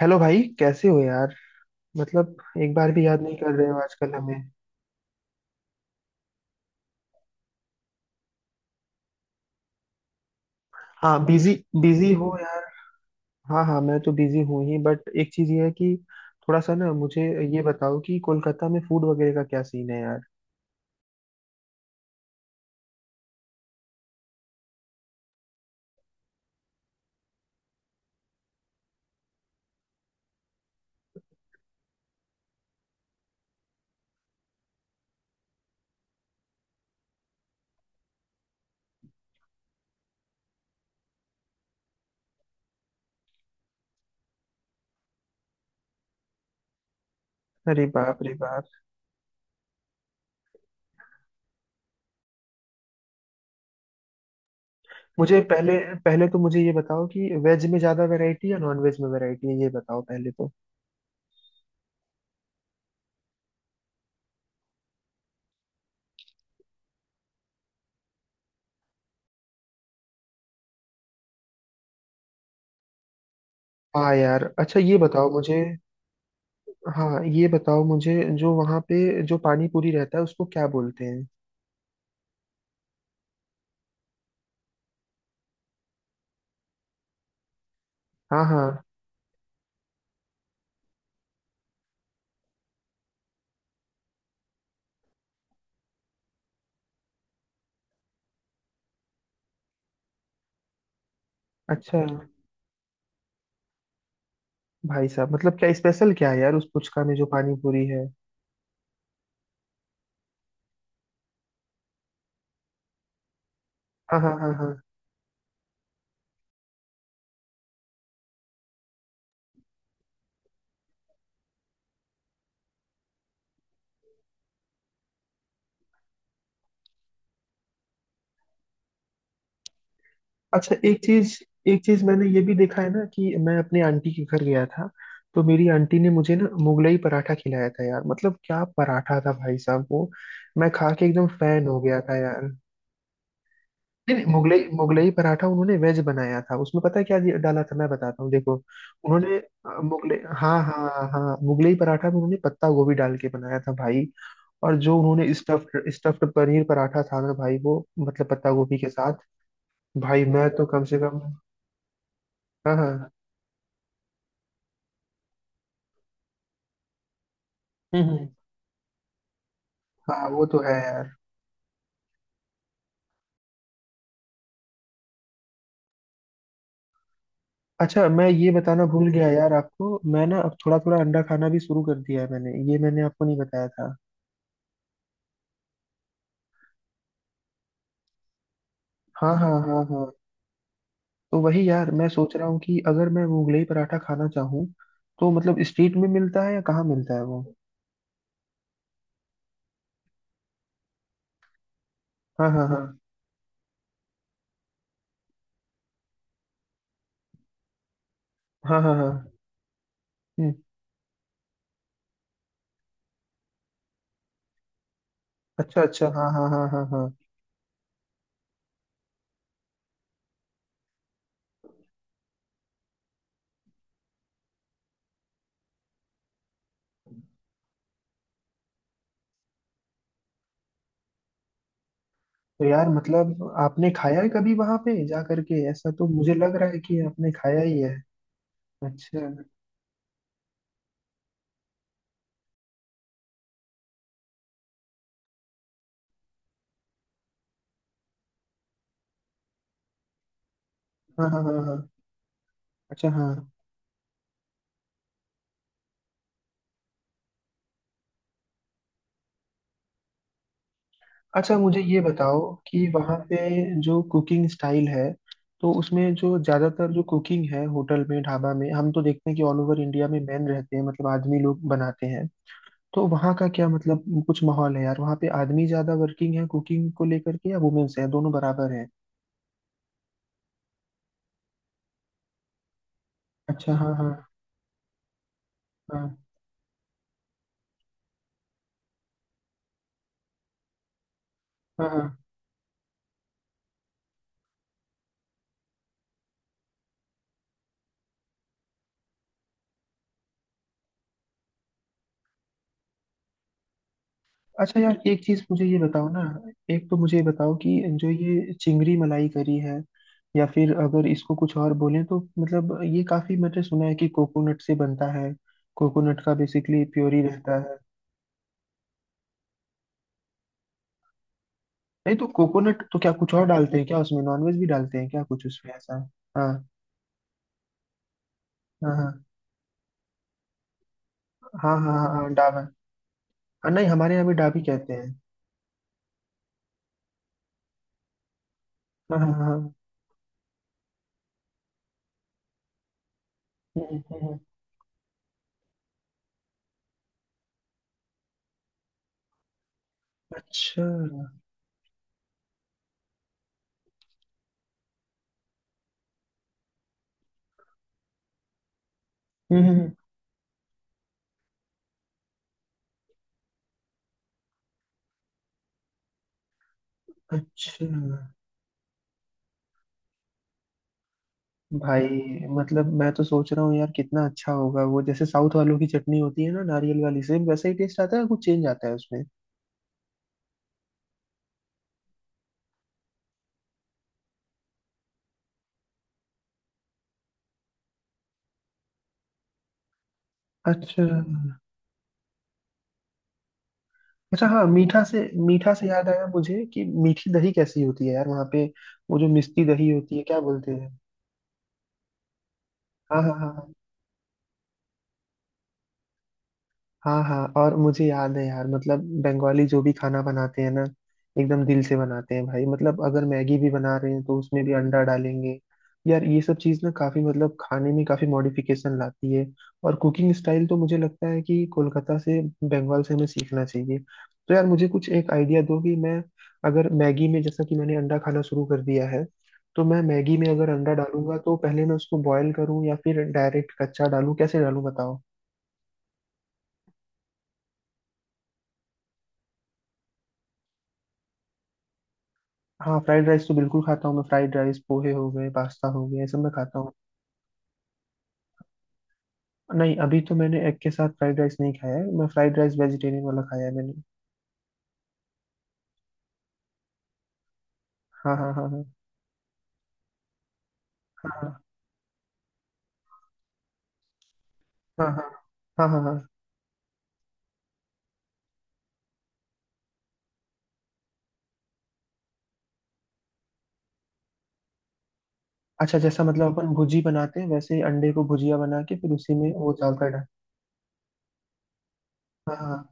Hello भाई कैसे हो यार। मतलब, एक बार भी याद नहीं कर रहे हो आजकल हमें। हाँ बिजी। बिजी हो यार। हाँ हाँ, मैं तो बिजी हूँ ही, बट एक चीज ये है कि थोड़ा सा ना मुझे ये बताओ कि कोलकाता में फूड वगैरह का क्या सीन है यार। अरे बाप रे बाप। मुझे पहले पहले तो मुझे ये बताओ कि वेज में ज्यादा वैरायटी या नॉन वेज में वैरायटी है, ये बताओ पहले तो। हाँ यार, अच्छा ये बताओ मुझे। हाँ ये बताओ मुझे, जो वहाँ पे जो पानी पूरी रहता है उसको क्या बोलते हैं? हाँ हाँ। अच्छा। भाई साहब, मतलब क्या स्पेशल क्या है यार उस पुचका में, जो पानी पूरी है? हाँ हाँ हाँ हाँ। अच्छा, एक चीज। मैंने ये भी देखा है ना कि मैं अपनी आंटी के घर गया था, तो मेरी आंटी ने मुझे ना मुगलई पराठा खिलाया था यार। मतलब क्या पराठा था भाई साहब वो। मैं खा के एकदम फैन हो गया था यार। नहीं नहीं, मुगलई, मुगलई पराठा उन्होंने वेज बनाया था। उसमें पता है क्या डाला था, मैं बताता हूँ देखो। उन्होंने अ, मुगले हाँ हाँ हाँ, मुगलई पराठा में उन्होंने पत्ता गोभी डाल के बनाया था भाई। और जो उन्होंने स्टफ्ड स्टफ्ड पनीर पराठा था ना भाई, वो मतलब पत्ता गोभी के साथ। भाई मैं तो कम से कम। हाँ हाँ। हम्म हम्म। हाँ वो तो है यार। अच्छा, मैं ये बताना भूल गया यार आपको, मैं ना अब थोड़ा थोड़ा अंडा खाना भी शुरू कर दिया है मैंने, ये मैंने आपको नहीं बताया था। हाँ हाँ हाँ हाँ। तो वही यार, मैं सोच रहा हूँ कि अगर मैं वो मुगलई पराठा खाना चाहूँ, तो मतलब स्ट्रीट में मिलता है या कहाँ मिलता है वो? हाँ हाँ हाँ। हाँ हाँ हाँ। हम्म। अच्छा अच्छा, हाँ हाँ हाँ हाँ हाँ। तो यार मतलब आपने खाया है कभी वहां पे जा करके? ऐसा तो मुझे लग रहा है कि आपने खाया ही है। अच्छा, हाँ हाँ हाँ हाँ। अच्छा हाँ। अच्छा मुझे ये बताओ कि वहाँ पे जो कुकिंग स्टाइल है, तो उसमें जो ज्यादातर जो कुकिंग है होटल में, ढाबा में, हम तो देखते हैं कि ऑल ओवर इंडिया में मैन रहते हैं, मतलब आदमी लोग बनाते हैं। तो वहाँ का क्या, मतलब कुछ माहौल है यार? वहाँ पे आदमी ज्यादा वर्किंग है कुकिंग को लेकर के, या वुमेन्स है, दोनों बराबर है? अच्छा हाँ हाँ। हाँ हाँ हाँ। अच्छा यार, एक चीज मुझे ये बताओ ना। एक तो मुझे ये बताओ कि जो ये चिंगरी मलाई करी है, या फिर अगर इसको कुछ और बोलें तो, मतलब ये काफी मैंने सुना है कि कोकोनट से बनता है, कोकोनट का बेसिकली प्योरी रहता है। नहीं तो कोकोनट तो, क्या कुछ और डालते हैं क्या उसमें? नॉनवेज भी डालते हैं क्या कुछ उसमें ऐसा? हाँ। हाँ हाँ हाँ हाँ, हाँ हाँ, डाबर। और नहीं, हमारे यहाँ भी डाबी कहते हैं। हाँ हाँ हाँ। हम्म। अच्छा। हम्म। अच्छा भाई, मतलब मैं तो सोच रहा हूँ यार कितना अच्छा होगा वो। जैसे साउथ वालों की चटनी होती है ना, नारियल वाली, सेम वैसे ही टेस्ट आता है, या कुछ चेंज आता है उसमें? अच्छा। अच्छा हाँ, मीठा से, मीठा से याद आया मुझे कि मीठी दही कैसी होती है यार वहाँ पे? वो जो मिष्टी दही होती है, क्या बोलते हैं? हाँ हाँ हाँ हाँ। हाँ हाँ, और मुझे याद है यार, मतलब बंगाली जो भी खाना बनाते हैं ना, एकदम दिल से बनाते हैं भाई। मतलब अगर मैगी भी बना रहे हैं, तो उसमें भी अंडा डालेंगे। यार ये सब चीज़ ना काफ़ी, मतलब खाने में काफ़ी मॉडिफिकेशन लाती है। और कुकिंग स्टाइल तो मुझे लगता है कि कोलकाता से, बंगाल से हमें सीखना चाहिए। तो यार मुझे कुछ एक आइडिया दो कि मैं, अगर मैगी में, जैसा कि मैंने अंडा खाना शुरू कर दिया है, तो मैं मैगी में अगर अंडा डालूंगा तो पहले मैं उसको बॉयल करूँ या फिर डायरेक्ट कच्चा डालूँ? कैसे डालूँ बताओ। हाँ, फ्राइड राइस तो बिल्कुल खाता हूँ मैं। फ्राइड राइस, पोहे हो गए, पास्ता हो गया, ये सब मैं खाता हूँ। नहीं, अभी तो मैंने एग के साथ फ्राइड राइस नहीं खाया है। मैं फ्राइड राइस वेजिटेरियन वाला खाया है मैंने। हाँ हाँ हाँ हाँ। हाँ हाँ हाँ हाँ हाँ हाँ। अच्छा, जैसा मतलब अपन भुजी बनाते हैं, वैसे ही अंडे को भुजिया बना के फिर उसी में वो डालकर डाल। हाँ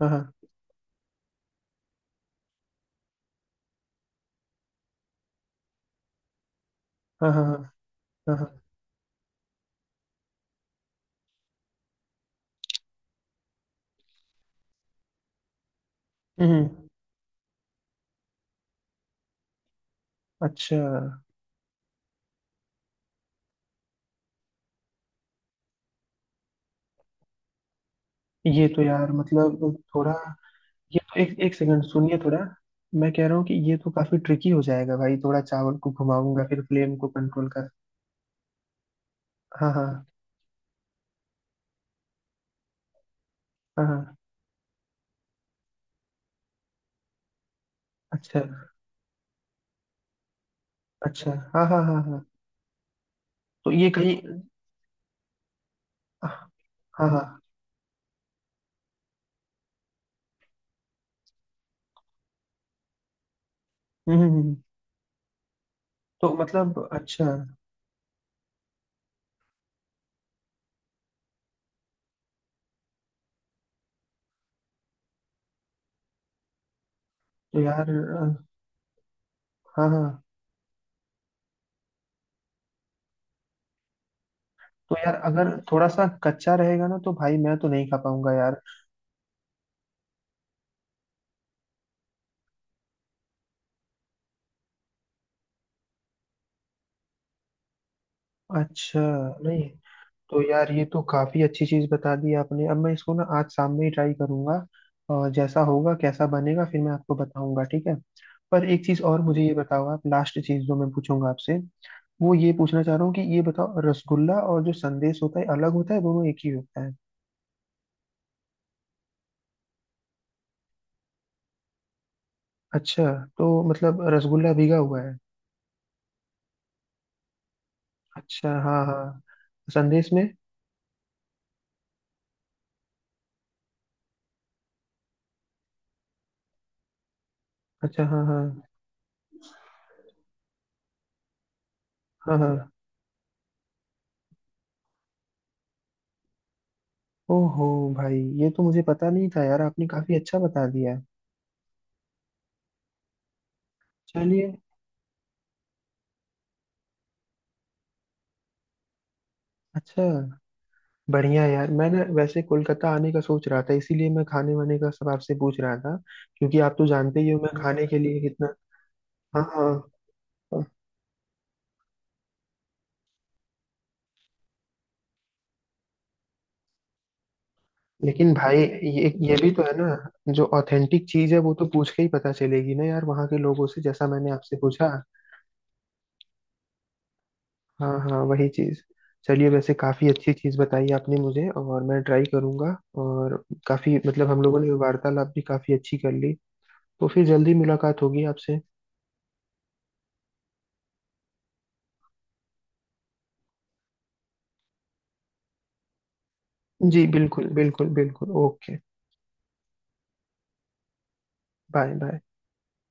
हाँ हाँ। हाँ हाँ हाँ। हाँ हाँ हाँ। हम्म। अच्छा। ये तो यार, मतलब थोड़ा, ये तो एक एक सेकंड सुनिए थोड़ा। मैं कह रहा हूँ कि ये तो काफी ट्रिकी हो जाएगा भाई, थोड़ा चावल को घुमाऊंगा फिर फ्लेम को कंट्रोल। हाँ हाँ। हाँ हाँ। अच्छा। अच्छा हाँ हाँ हाँ हाँ। तो ये कहीं। हाँ हाँ। हम्म हम्म, हम्म। तो मतलब, अच्छा। तो यार हाँ हाँ। तो यार अगर थोड़ा सा कच्चा रहेगा ना, तो भाई मैं तो नहीं खा पाऊंगा यार। अच्छा। नहीं, तो यार ये तो काफी अच्छी चीज बता दी आपने। अब मैं इसको ना आज शाम में ही ट्राई करूंगा, और जैसा होगा, कैसा बनेगा, फिर मैं आपको बताऊंगा, ठीक है? पर एक चीज और मुझे ये बताओ आप, लास्ट चीज जो मैं पूछूंगा आपसे, वो ये पूछना चाह रहा हूँ कि ये बताओ, रसगुल्ला और जो संदेश होता है, अलग होता है, दोनों एक ही होता है? अच्छा। तो मतलब रसगुल्ला भीगा हुआ है? अच्छा हाँ हाँ। संदेश में। अच्छा हाँ हाँ हाँ हाँ। ओहो। भाई ये तो मुझे पता नहीं था यार, आपने काफी अच्छा बता दिया। चलिए। अच्छा। बढ़िया यार, मैं ना वैसे कोलकाता आने का सोच रहा था, इसीलिए मैं खाने वाने का सब आपसे पूछ रहा था। क्योंकि आप तो जानते ही हो मैं खाने के लिए कितना। हाँ हाँ। लेकिन भाई, ये भी तो है ना, जो ऑथेंटिक चीज है वो तो पूछ के ही पता चलेगी ना यार, वहाँ के लोगों से, जैसा मैंने आपसे पूछा। हाँ हाँ, वही चीज। चलिए, वैसे काफी अच्छी चीज बताई आपने मुझे, और मैं ट्राई करूंगा। और काफी मतलब हम लोगों ने वार्तालाप भी काफी अच्छी कर ली। तो फिर जल्दी मुलाकात होगी आपसे। जी, बिल्कुल बिल्कुल बिल्कुल। ओके। Bye bye.